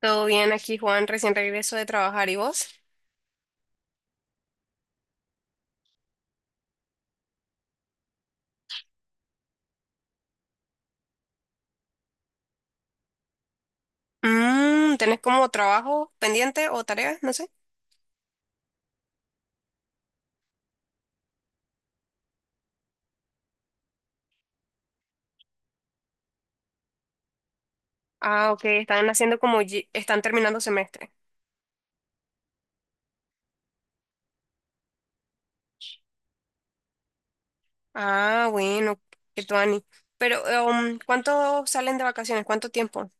Todo bien aquí, Juan. Recién regreso de trabajar. ¿Y vos? ¿Tenés como trabajo pendiente o tareas? No sé. Ah, ok. Están haciendo como están terminando semestre. Ah, bueno. Qué tuani. Pero, ¿cuánto salen de vacaciones? ¿Cuánto tiempo?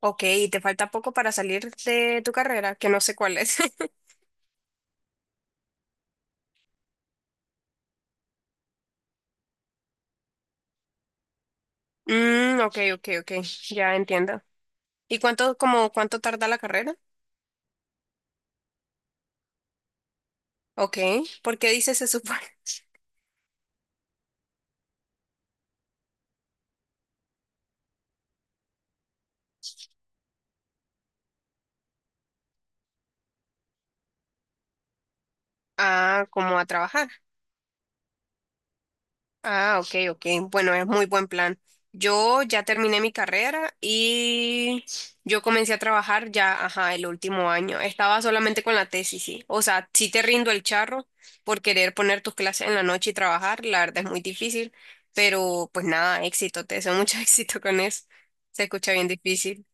Ok, y te falta poco para salir de tu carrera, que no sé cuál es. Mm, ok, ok, ok. Ya entiendo. ¿Y cuánto tarda la carrera? Ok. ¿Por qué dices se supone? Ah, como a trabajar. Ah, ok, ok. Bueno, es muy buen plan. Yo ya terminé mi carrera y yo comencé a trabajar ya, ajá, el último año. Estaba solamente con la tesis, sí. O sea, sí te rindo el charro por querer poner tus clases en la noche y trabajar. La verdad es muy difícil, pero pues nada, éxito. Te deseo mucho éxito con eso. Se escucha bien difícil.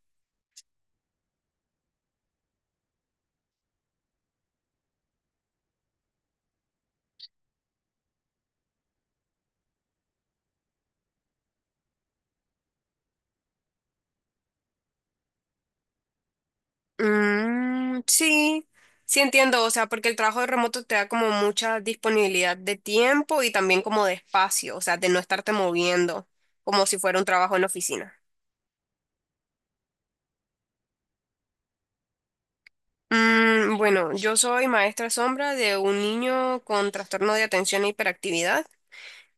Mm, sí, sí entiendo, o sea, porque el trabajo de remoto te da como mucha disponibilidad de tiempo y también como de espacio, o sea, de no estarte moviendo, como si fuera un trabajo en oficina. Bueno, yo soy maestra sombra de un niño con trastorno de atención e hiperactividad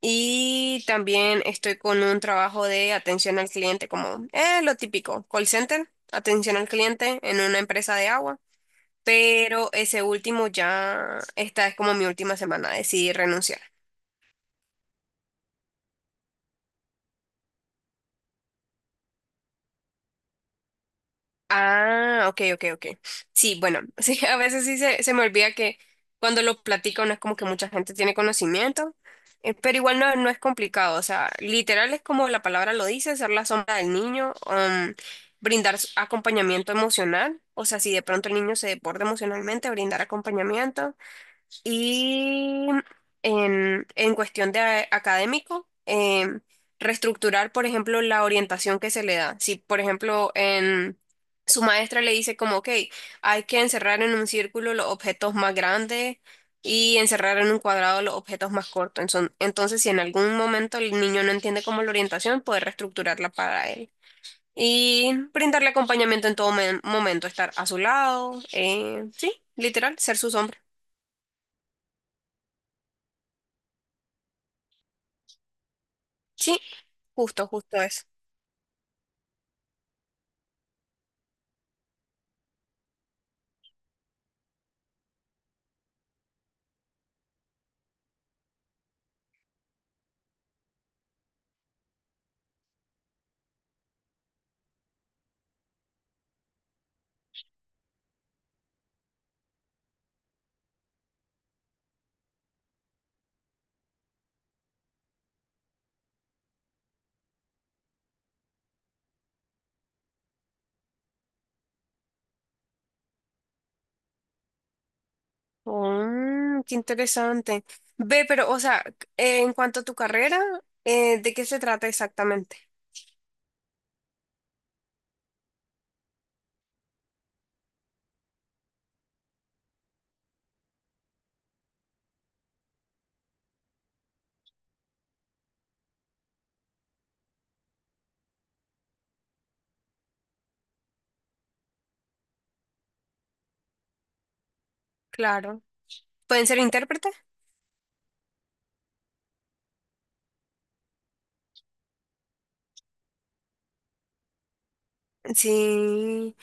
y también estoy con un trabajo de atención al cliente, como lo típico, call center, atención al cliente en una empresa de agua. Pero ese último ya, esta es como mi última semana, decidí renunciar. Ah, ok, ok, ok. Sí, bueno, sí, a veces sí se me olvida que cuando lo platico no es como que mucha gente tiene conocimiento, pero igual no, no es complicado, o sea, literal es como la palabra lo dice, ser la sombra del niño, brindar acompañamiento emocional, o sea, si de pronto el niño se desborda emocionalmente, brindar acompañamiento. Y en cuestión de académico, reestructurar, por ejemplo, la orientación que se le da. Si, por ejemplo, su maestra le dice como, ok, hay que encerrar en un círculo los objetos más grandes y encerrar en un cuadrado los objetos más cortos. Entonces, si en algún momento el niño no entiende como la orientación, poder reestructurarla para él. Y brindarle acompañamiento en todo momento, estar a su lado, sí, literal, ser su sombra. Sí, justo, justo eso. Mm, qué interesante. Ve, pero, o sea, en cuanto a tu carrera, ¿de qué se trata exactamente? Claro. ¿Pueden ser intérpretes? Sí.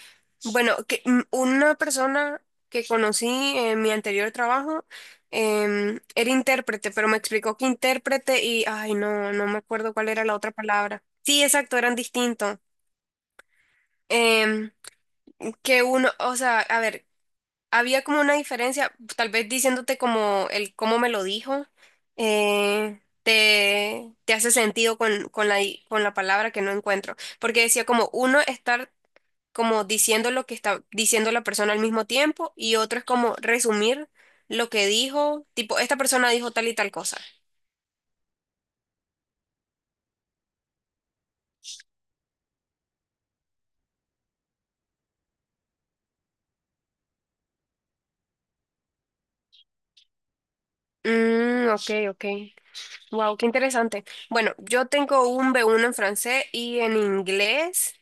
Bueno, que una persona que conocí en mi anterior trabajo, era intérprete, pero me explicó que intérprete y, ay, no, no me acuerdo cuál era la otra palabra. Sí, exacto, eran distintos. Em, que uno, o sea, a ver, había como una diferencia, tal vez diciéndote como el cómo me lo dijo, te hace sentido con la palabra que no encuentro, porque decía como uno estar como diciendo lo que está diciendo la persona al mismo tiempo y otro es como resumir lo que dijo, tipo, esta persona dijo tal y tal cosa. Mm, ok, ok. Wow, qué interesante. Bueno, yo tengo un B1 en francés y en inglés.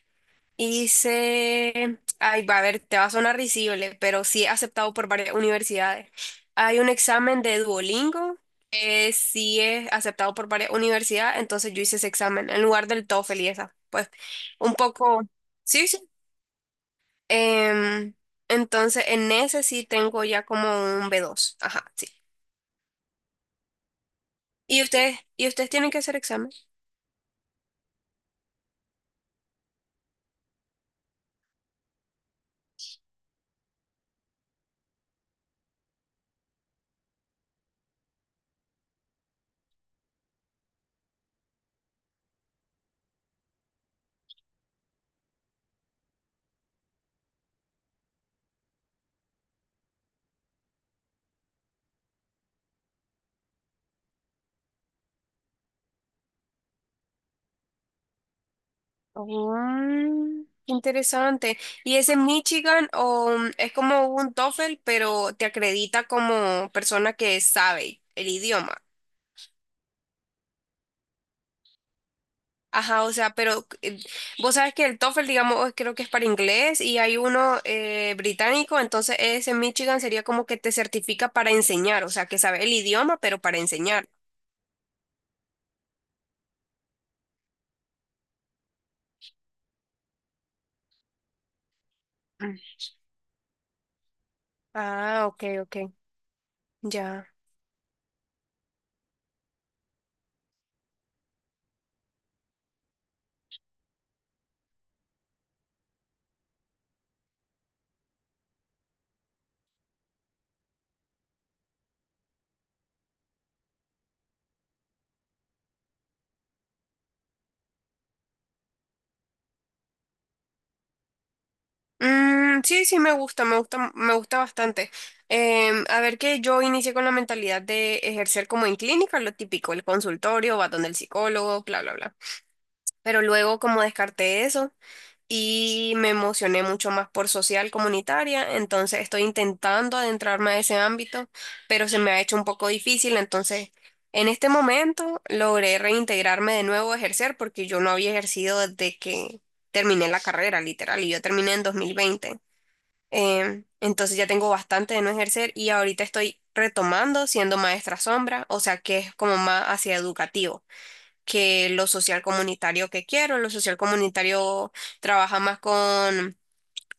Hice Ay, va a ver, te va a sonar risible, pero sí he aceptado por varias universidades. Hay un examen de Duolingo que sí es aceptado por varias universidades, entonces yo hice ese examen en lugar del TOEFL y esa. Pues un poco. Sí, sí. Em, entonces en ese sí tengo ya como un B2. Ajá, sí. ¿Y ustedes tienen que hacer examen? Mm, interesante. ¿Y es en Michigan o es como un TOEFL, pero te acredita como persona que sabe el idioma? Ajá, o sea, pero vos sabes que el TOEFL, digamos, creo que es para inglés y hay uno británico, entonces ese en Michigan sería como que te certifica para enseñar, o sea, que sabe el idioma, pero para enseñar. Mm. Ah, ok, ok, ya. Mm, sí, sí, me gusta, me gusta, me gusta bastante. A ver que yo inicié con la mentalidad de ejercer como en clínica, lo típico, el consultorio, va donde el psicólogo, bla, bla, bla. Pero luego como descarté eso y me emocioné mucho más por social comunitaria, entonces estoy intentando adentrarme a ese ámbito, pero se me ha hecho un poco difícil, entonces en este momento logré reintegrarme de nuevo a ejercer porque yo no había ejercido desde que terminé la carrera, literal, y yo terminé en 2020. Entonces ya tengo bastante de no ejercer y ahorita estoy retomando siendo maestra sombra, o sea que es como más hacia educativo que lo social comunitario que quiero. Lo social comunitario trabaja más con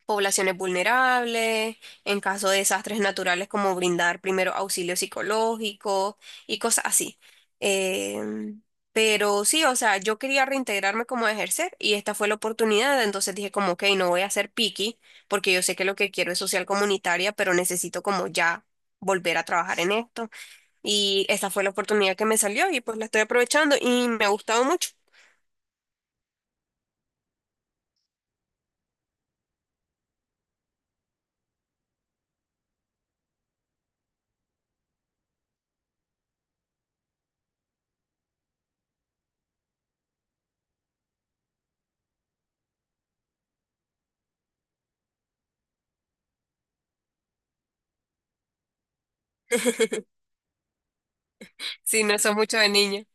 poblaciones vulnerables, en caso de desastres naturales como brindar primero auxilio psicológico y cosas así. Em, pero sí, o sea, yo quería reintegrarme como a ejercer y esta fue la oportunidad, entonces dije como, ok, no voy a ser picky porque yo sé que lo que quiero es social comunitaria, pero necesito como ya volver a trabajar en esto. Y esta fue la oportunidad que me salió y pues la estoy aprovechando y me ha gustado mucho. Sí, no soy mucho de niña.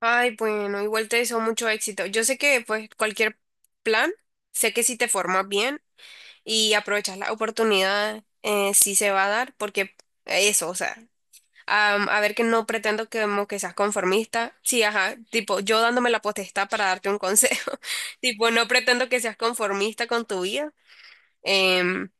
Ay, bueno, igual te deseo mucho éxito. Yo sé que pues cualquier plan, sé que si te formas bien y aprovechas la oportunidad, sí se va a dar, porque eso, o sea, a ver que no pretendo que, como que seas conformista. Sí, ajá, tipo, yo dándome la potestad para darte un consejo. Tipo, no pretendo que seas conformista con tu vida. em,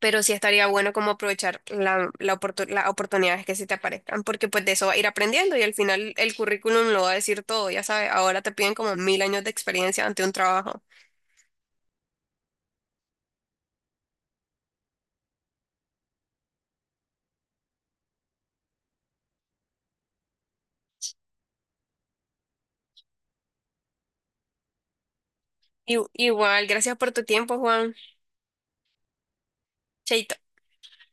pero sí estaría bueno como aprovechar las oportunidades que se te aparezcan, porque pues de eso va a ir aprendiendo y al final el currículum lo va a decir todo, ya sabes, ahora te piden como mil años de experiencia ante un trabajo. Y, igual, gracias por tu tiempo, Juan. Chaito.